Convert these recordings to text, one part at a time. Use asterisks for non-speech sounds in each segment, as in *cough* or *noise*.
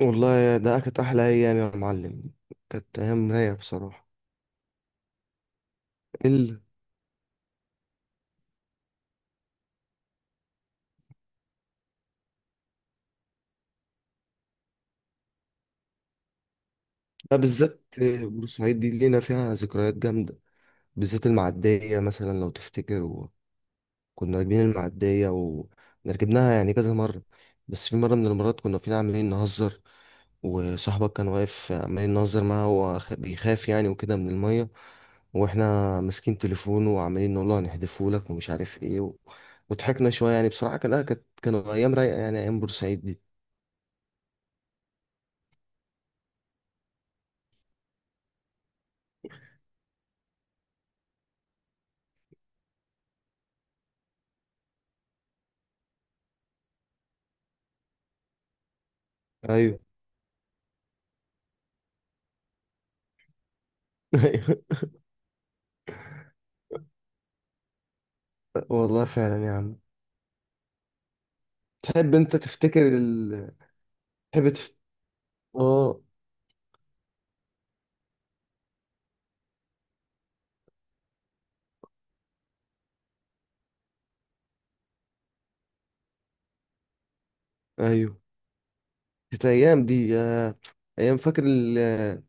والله ده كانت أحلى أيام يا معلم. كانت أيام رايقة بصراحة. ال... ده بالذات. بورسعيد دي لينا فيها ذكريات جامدة، بالذات المعدية مثلا لو تفتكر. وكنا راكبين المعدية وركبناها يعني كذا مرة. بس في مرة من المرات كنا فينا عمالين نهزر، وصاحبك كان واقف عمالين نهزر معاه، هو بيخاف يعني وكده من المية. واحنا ماسكين تليفونه وعمالين نقول له هنحدفه لك ومش عارف ايه وضحكنا شوية. يعني بصراحة كان آه، كانت كانوا أيام رايقة، يعني أيام بورسعيد دي. ايوه. *laughs* ايوه، والله فعلا يا عم. تحب انت تفتكر ال... تحب تفت... اه. ايوه، كانت ايام دي ايام، فاكر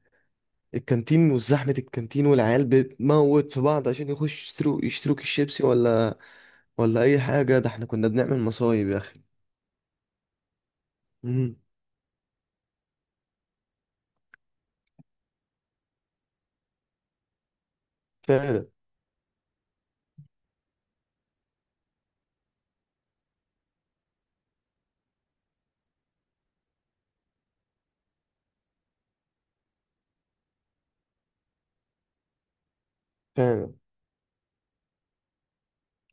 الكانتين وزحمة الكانتين والعيال بتموت في بعض عشان يخش يشتروا كيس شيبسي ولا اي حاجة. ده احنا كنا بنعمل مصايب يا اخي. امم. فعلا. فعلا.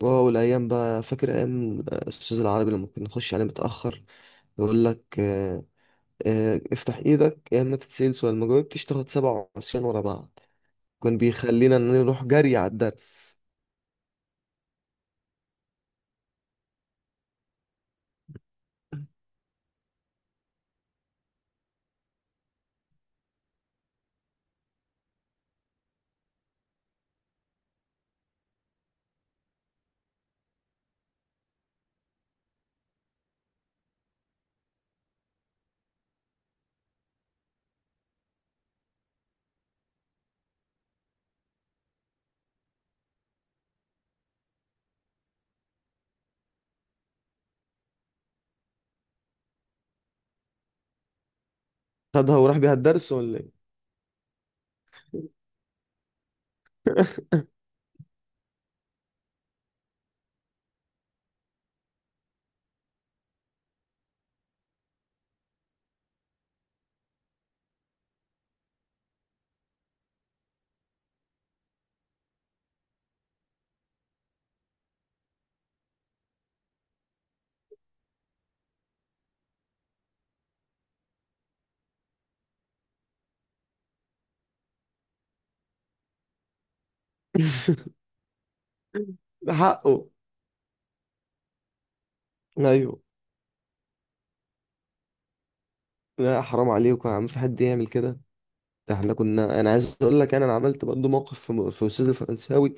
اه، والايام بقى، فاكر ايام الاستاذ العربي لما كنا نخش عليه متأخر، يقول لك افتح ايدك، يا اما تتسال سؤال ما جاوبتش تاخد 7 عصيان ورا بعض. كان بيخلينا ان نروح جري على الدرس. خدها وراح بيها الدرس ولا ايه؟ *laughs* ده حقه. ايوه. لا، حرام عليكم يا عم، في حد يعمل كده؟ ده احنا كنا، انا عايز اقول لك، أنا عملت برضه موقف في استاذ الفرنساوي.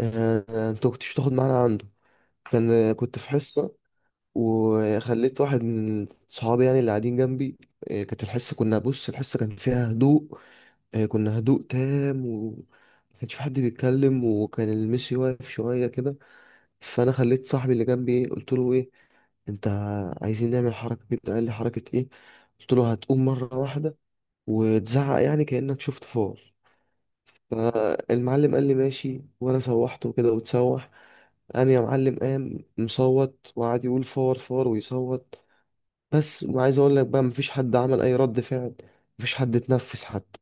انت كنتش تاخد معانا عنده؟ كان كنت في حصه، وخليت واحد من صحابي يعني اللي قاعدين جنبي. كانت الحصه، كنا بص الحصه كان فيها هدوء، كنا هدوء تام، وما كانش في حد بيتكلم. وكان الميسي واقف شوية كده، فأنا خليت صاحبي اللي جنبي، إيه، قلت له إيه، أنت عايزين نعمل حركة كده. قال لي حركة إيه؟ قلت له هتقوم مرة واحدة وتزعق يعني كأنك شفت فار. فالمعلم قال لي ماشي، وأنا سوحته كده وتسوح. قام يا معلم قام مصوت وقعد يقول فار فار ويصوت. بس، وعايز أقول لك بقى، مفيش حد عمل أي رد فعل، مفيش حد اتنفس حتى.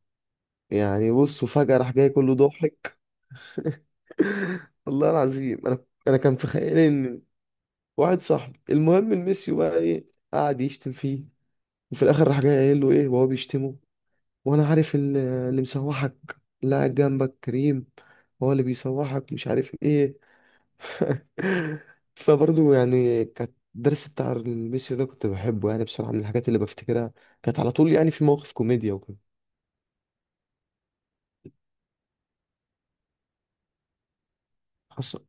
يعني بص، وفجأة راح جاي كله ضاحك. والله العظيم انا كان في خيالي ان واحد صاحبي. المهم إن ميسيو بقى ايه، قعد يشتم فيه. وفي الاخر راح جاي قايل له ايه وهو بيشتمه: وانا عارف اللي مسوحك، اللي قاعد جنبك كريم، هو اللي بيسوحك، مش عارف ايه. *laughs* فبرضه يعني كانت الدرس بتاع الميسيو ده كنت بحبه، يعني بصراحة من الحاجات اللي بفتكرها. كانت على طول يعني في مواقف كوميديا وكده. حصل.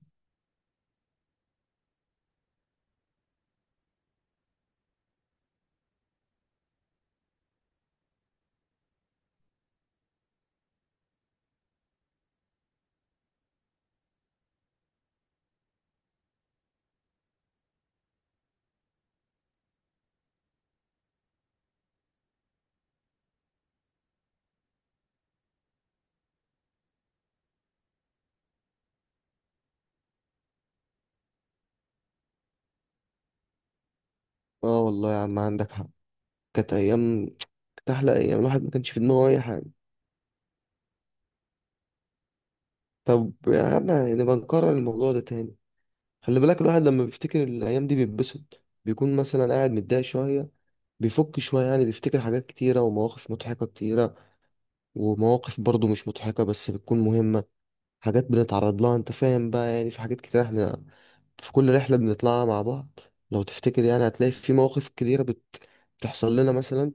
اه والله يا عم عندك حق. كانت ايام، كانت احلى ايام، الواحد ما كانش في دماغه اي حاجة. طب يا عم نبقى نكرر الموضوع ده تاني. خلي بالك، الواحد لما بيفتكر الأيام دي بيتبسط، بيكون مثلا قاعد متضايق شوية بيفك شوية. يعني بيفتكر حاجات كتيرة ومواقف مضحكة كتيرة، ومواقف برضه مش مضحكة بس بتكون مهمة. حاجات بنتعرض لها، انت فاهم بقى، يعني في حاجات كتير احنا في كل رحلة بنطلعها مع بعض لو تفتكر يعني هتلاقي في مواقف كتيرة بتحصل لنا مثلا،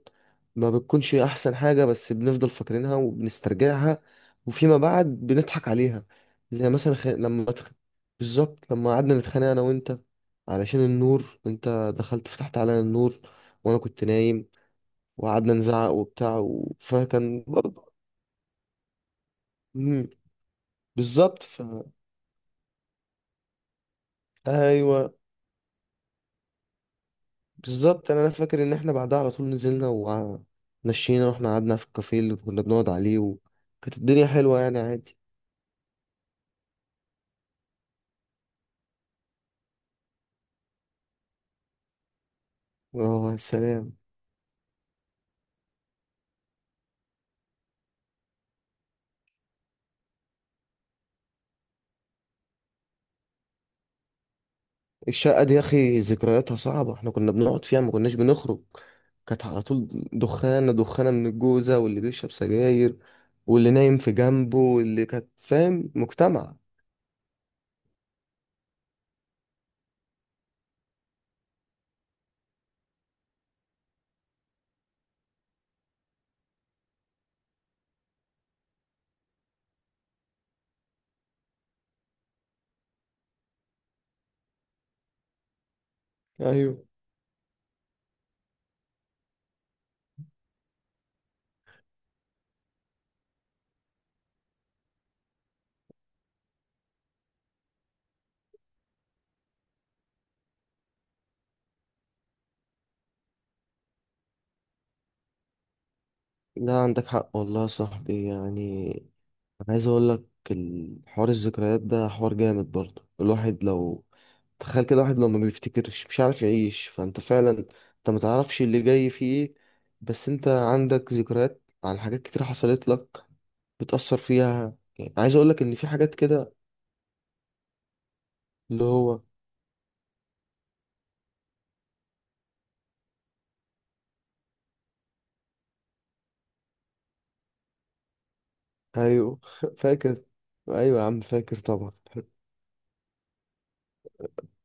ما بتكونش احسن حاجة بس بنفضل فاكرينها وبنسترجعها. وفيما بعد بنضحك عليها. زي مثلا بالظبط لما قعدنا نتخانق انا وانت علشان النور، انت دخلت فتحت علينا النور وانا كنت نايم، وقعدنا نزعق وبتاع فكان برضه مم، بالظبط ايوه بالظبط، أنا فاكر ان احنا بعدها على طول نزلنا، ومشينا واحنا قعدنا في الكافيه اللي كنا بنقعد عليه، وكانت الدنيا حلوه يعني عادي. اه يا سلام. الشقه دي يا اخي ذكرياتها صعبه، احنا كنا بنقعد فيها ما كناش بنخرج. كانت على طول دخانه دخانه من الجوزه، واللي بيشرب سجاير واللي نايم في جنبه واللي كانت فاهم مجتمع. ايوه. لا، عندك حق والله يا صاحبي، يعني انا عايز اقول لك، الحوار الذكريات ده حوار جامد برضه، الواحد لو تخيل كده، واحد لو ما بيفتكرش مش عارف يعيش. فانت فعلا انت ما تعرفش اللي جاي فيه ايه. بس انت عندك ذكريات عن حاجات كتير حصلت لك، بتأثر فيها، يعني عايز اقول لك ان في حاجات كده. اللي هو. ايوه *laughs* فاكر. ايوه يا عم فاكر طبعا.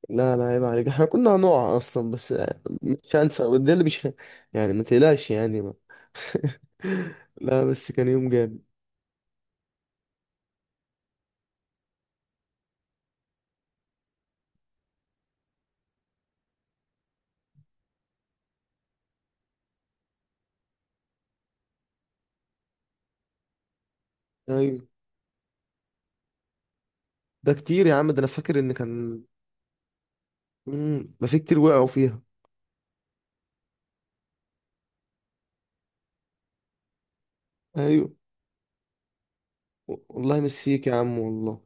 لا لا، عيب عليك، احنا كنا هنقع اصلا. بس مش هنسى ده، اللي مش يعني ما تقلقش يعني. *laughs* لا بس كان يوم جامد. ايوه، ده كتير يا عم، ده انا فاكر ان كان. امم، ده في كتير وقعوا فيها. ايوه، والله مسيك يا عم والله.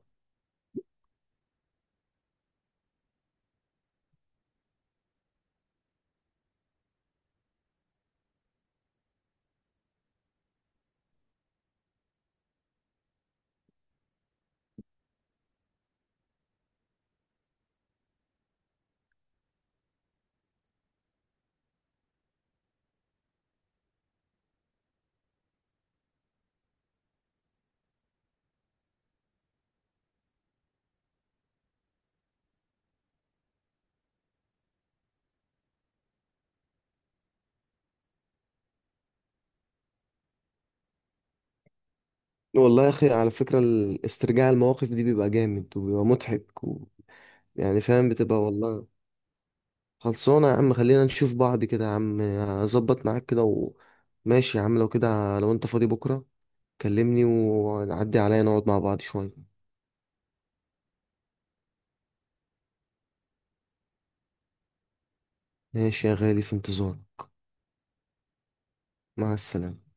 والله يا اخي على فكرة استرجاع المواقف دي بيبقى جامد وبيبقى مضحك يعني فاهم، بتبقى والله. خلصانة يا عم، خلينا نشوف بعض كده يا عم، اظبط معاك كده ماشي يا عم، لو كده لو انت فاضي بكرة كلمني، ونعدي عليا نقعد مع بعض شوية. ماشي يا غالي، في انتظارك. مع السلامة.